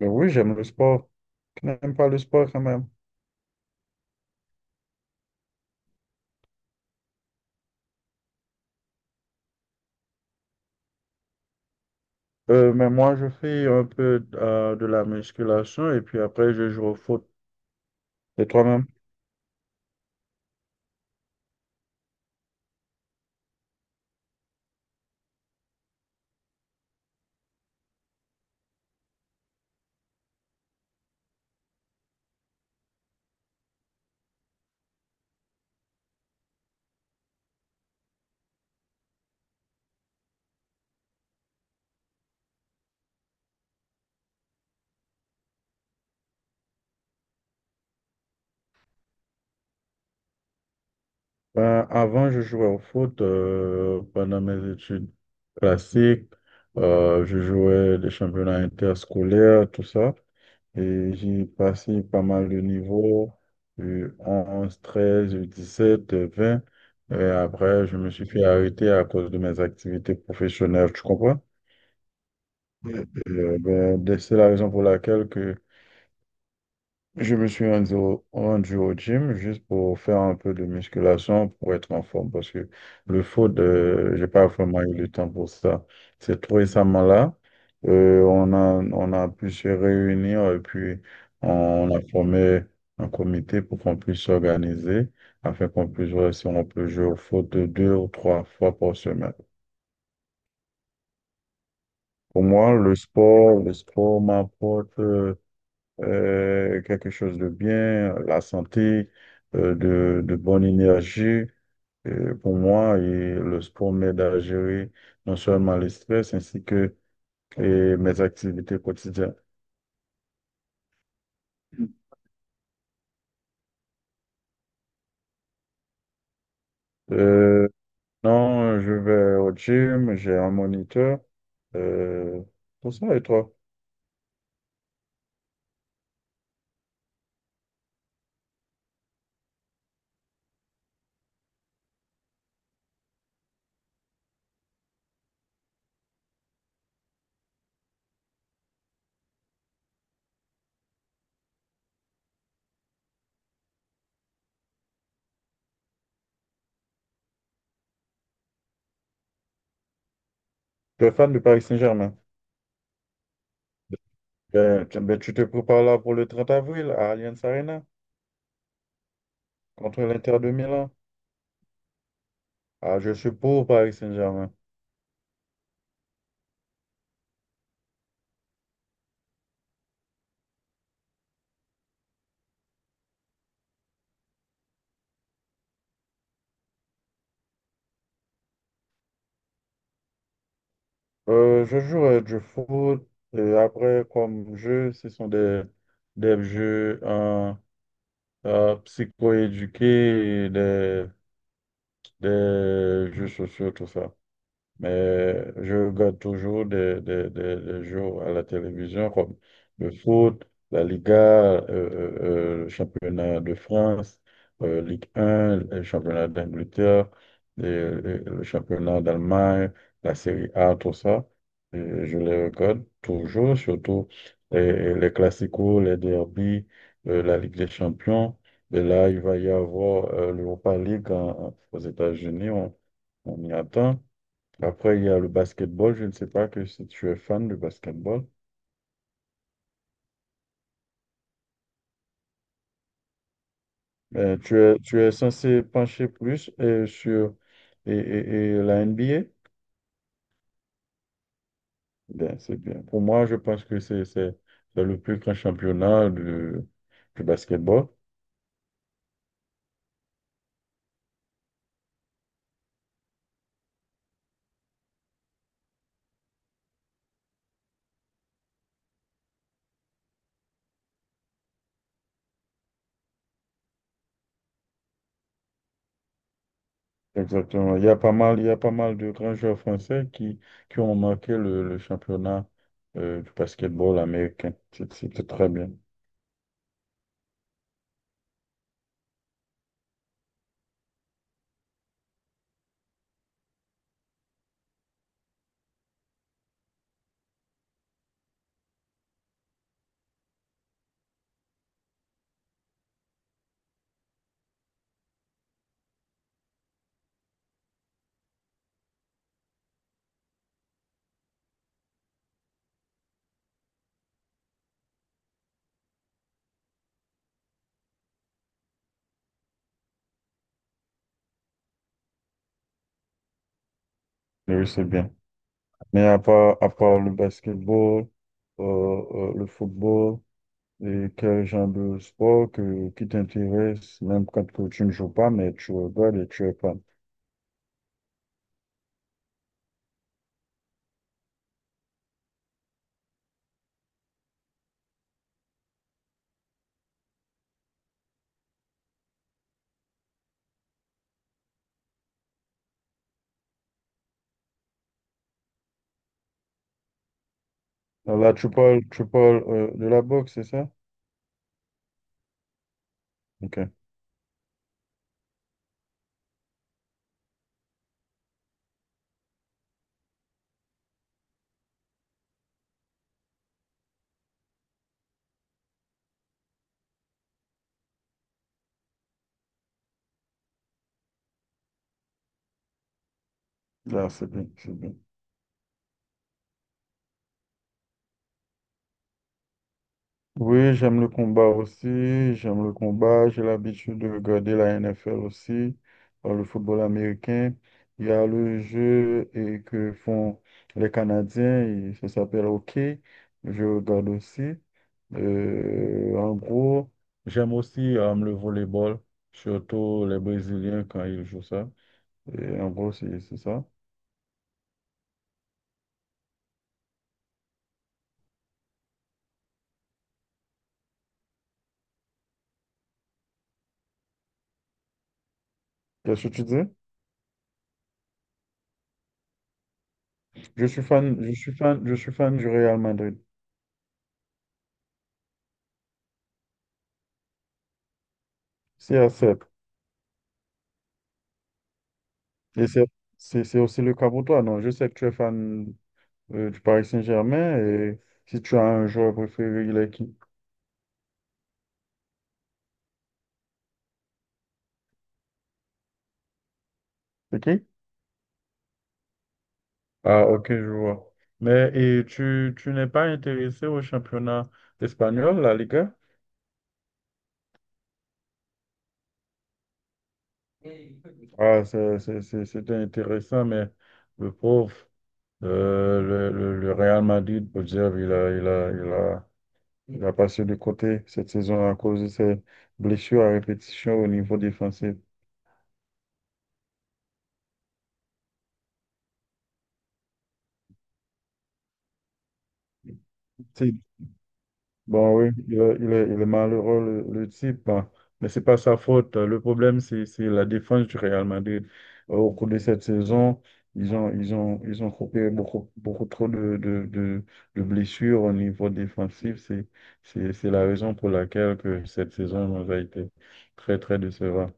Oui, j'aime le sport. Qui n'aime pas le sport quand même. Mais moi, je fais un peu de la musculation et puis après, je joue au foot. Et toi-même? Ben, avant, je jouais au foot pendant mes études classiques. Je jouais des championnats interscolaires, tout ça. Et j'ai passé pas mal de niveaux, U11 treize U7 U20. Et après, je me suis fait arrêter à cause de mes activités professionnelles, tu comprends? Ben, c'est la raison pour laquelle que je me suis rendu au gym juste pour faire un peu de musculation pour être en forme parce que le foot, j'ai pas vraiment eu le temps pour ça. C'est tout récemment là. Euh, on a, on a pu se réunir et puis on a formé un comité pour qu'on puisse s'organiser afin qu'on puisse voir si on peut jouer au foot deux ou trois fois par semaine. Pour moi, le sport m'apporte quelque chose de bien, la santé, de bonne énergie pour moi. Et le sport m'aide à gérer non seulement les stress ainsi que et mes activités quotidiennes. Euh, non, je vais au gym, j'ai un moniteur. Euh, pour ça, et toi? Tu es fan du Paris Saint-Germain? Ben, tu te prépares là pour le 30 avril à Allianz Arena contre l'Inter de Milan. Ah, je suis pour Paris Saint-Germain. Je joue du foot et après, comme jeu, ce sont des jeux psychoéduqués, et des jeux sociaux, tout ça. Mais je regarde toujours des jeux à la télévision comme le foot, la Liga, le championnat de France, Ligue 1, le championnat d'Angleterre, le championnat d'Allemagne, la Série A, tout ça. Et je les regarde toujours, surtout les classicos, les derbies, la Ligue des Champions. Et là, il va y avoir l'Europa League aux États-Unis. On y attend. Après, il y a le basketball. Je ne sais pas que si tu es fan de basketball. Tu es censé pencher plus sur et, et- et la N B A bien c'est bien. Pour moi, je pense que c'est le plus grand championnat du basketball. Exactement. Il y a pas mal de grands joueurs français qui ont marqué le championnat du basketball américain. C'est très bien. Oui, c'est bien. Mais à part le basketball, le football, et quel genre de sport qui t'intéresse, même quand que tu ne joues pas, mais tu regardes et tu es fan. Alors là, tu parles de la boxe, c'est ça? Ok, là, c'est bien, c'est bien. Oui, j'aime le combat aussi, j'aime le combat, j'ai l'habitude de regarder la NFL aussi, le football américain. Il y a le jeu et que font les Canadiens, et ça s'appelle hockey, je regarde aussi. En gros, j'aime aussi le volleyball, surtout les Brésiliens quand ils jouent ça. Et en gros, c'est ça. Qu'est-ce que tu dis? Je suis fan, je suis fan, je suis fan du Real Madrid. C'est 7. Et c'est aussi le cas pour toi, non? Je sais que tu es fan du Paris Saint-Germain et si tu as un joueur préféré, il est qui? C'est qui? Ah, ok, je vois. Mais et tu n'es pas intéressé au championnat espagnol, la Liga? Ah, c'était intéressant, mais le pauvre, le Real Madrid, pour dire, il a passé de côté cette saison à cause de ses blessures à répétition au niveau défensif. Bon, oui, il est malheureux, le type, hein. Mais c'est pas sa faute, hein. Le problème, c'est la défense du Real Madrid. Au cours de cette saison, ils ont coupé beaucoup, beaucoup trop de blessures au niveau défensif. C'est la raison pour laquelle que cette saison nous a été très, très décevante.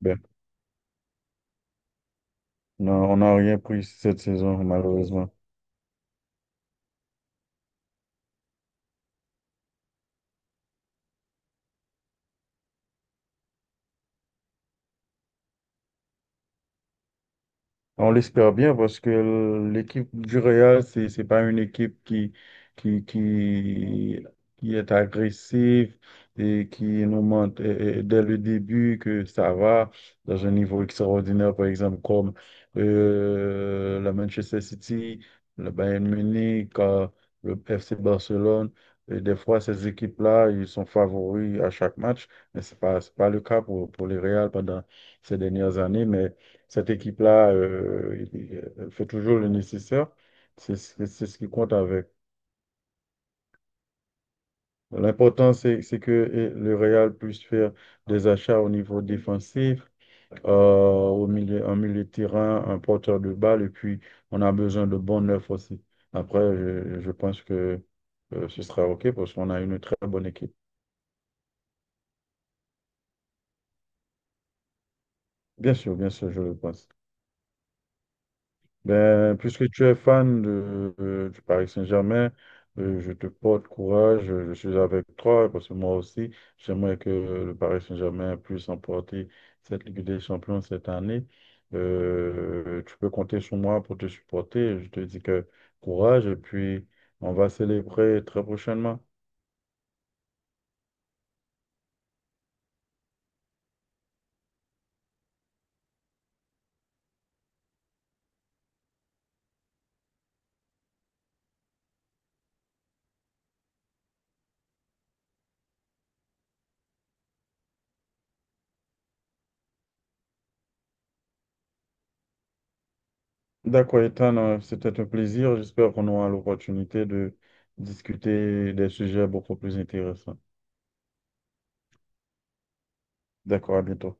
Ben, on n'a rien pris cette saison, malheureusement. On l'espère bien parce que l'équipe du Real, c'est pas une équipe qui, qui, qui est agressive et qui nous montre dès le début que ça va dans un niveau extraordinaire, par exemple, comme la Manchester City, le Bayern Munich, le FC Barcelone. Et des fois, ces équipes-là, ils sont favoris à chaque match, mais c'est pas le cas pour les Real pendant ces dernières années, mais cette équipe-là, elle fait toujours le nécessaire. C'est ce qui compte avec. L'important, c'est que le Real puisse faire des achats au niveau défensif, euh, en milieu de terrain, un porteur de balle, et puis on a besoin de bons neufs aussi. Après, je pense que ce sera OK parce qu'on a une très bonne équipe. Bien sûr, je le pense. Ben, puisque tu es fan du Paris Saint-Germain, je te porte courage, je suis avec toi, parce que moi aussi, j'aimerais que le Paris Saint-Germain puisse emporter cette Ligue des Champions cette année. Tu peux compter sur moi pour te supporter. Je te dis que courage, et puis on va célébrer très prochainement. D'accord, Ethan, c'était un plaisir. J'espère qu'on aura l'opportunité de discuter des sujets beaucoup plus intéressants. D'accord, à bientôt.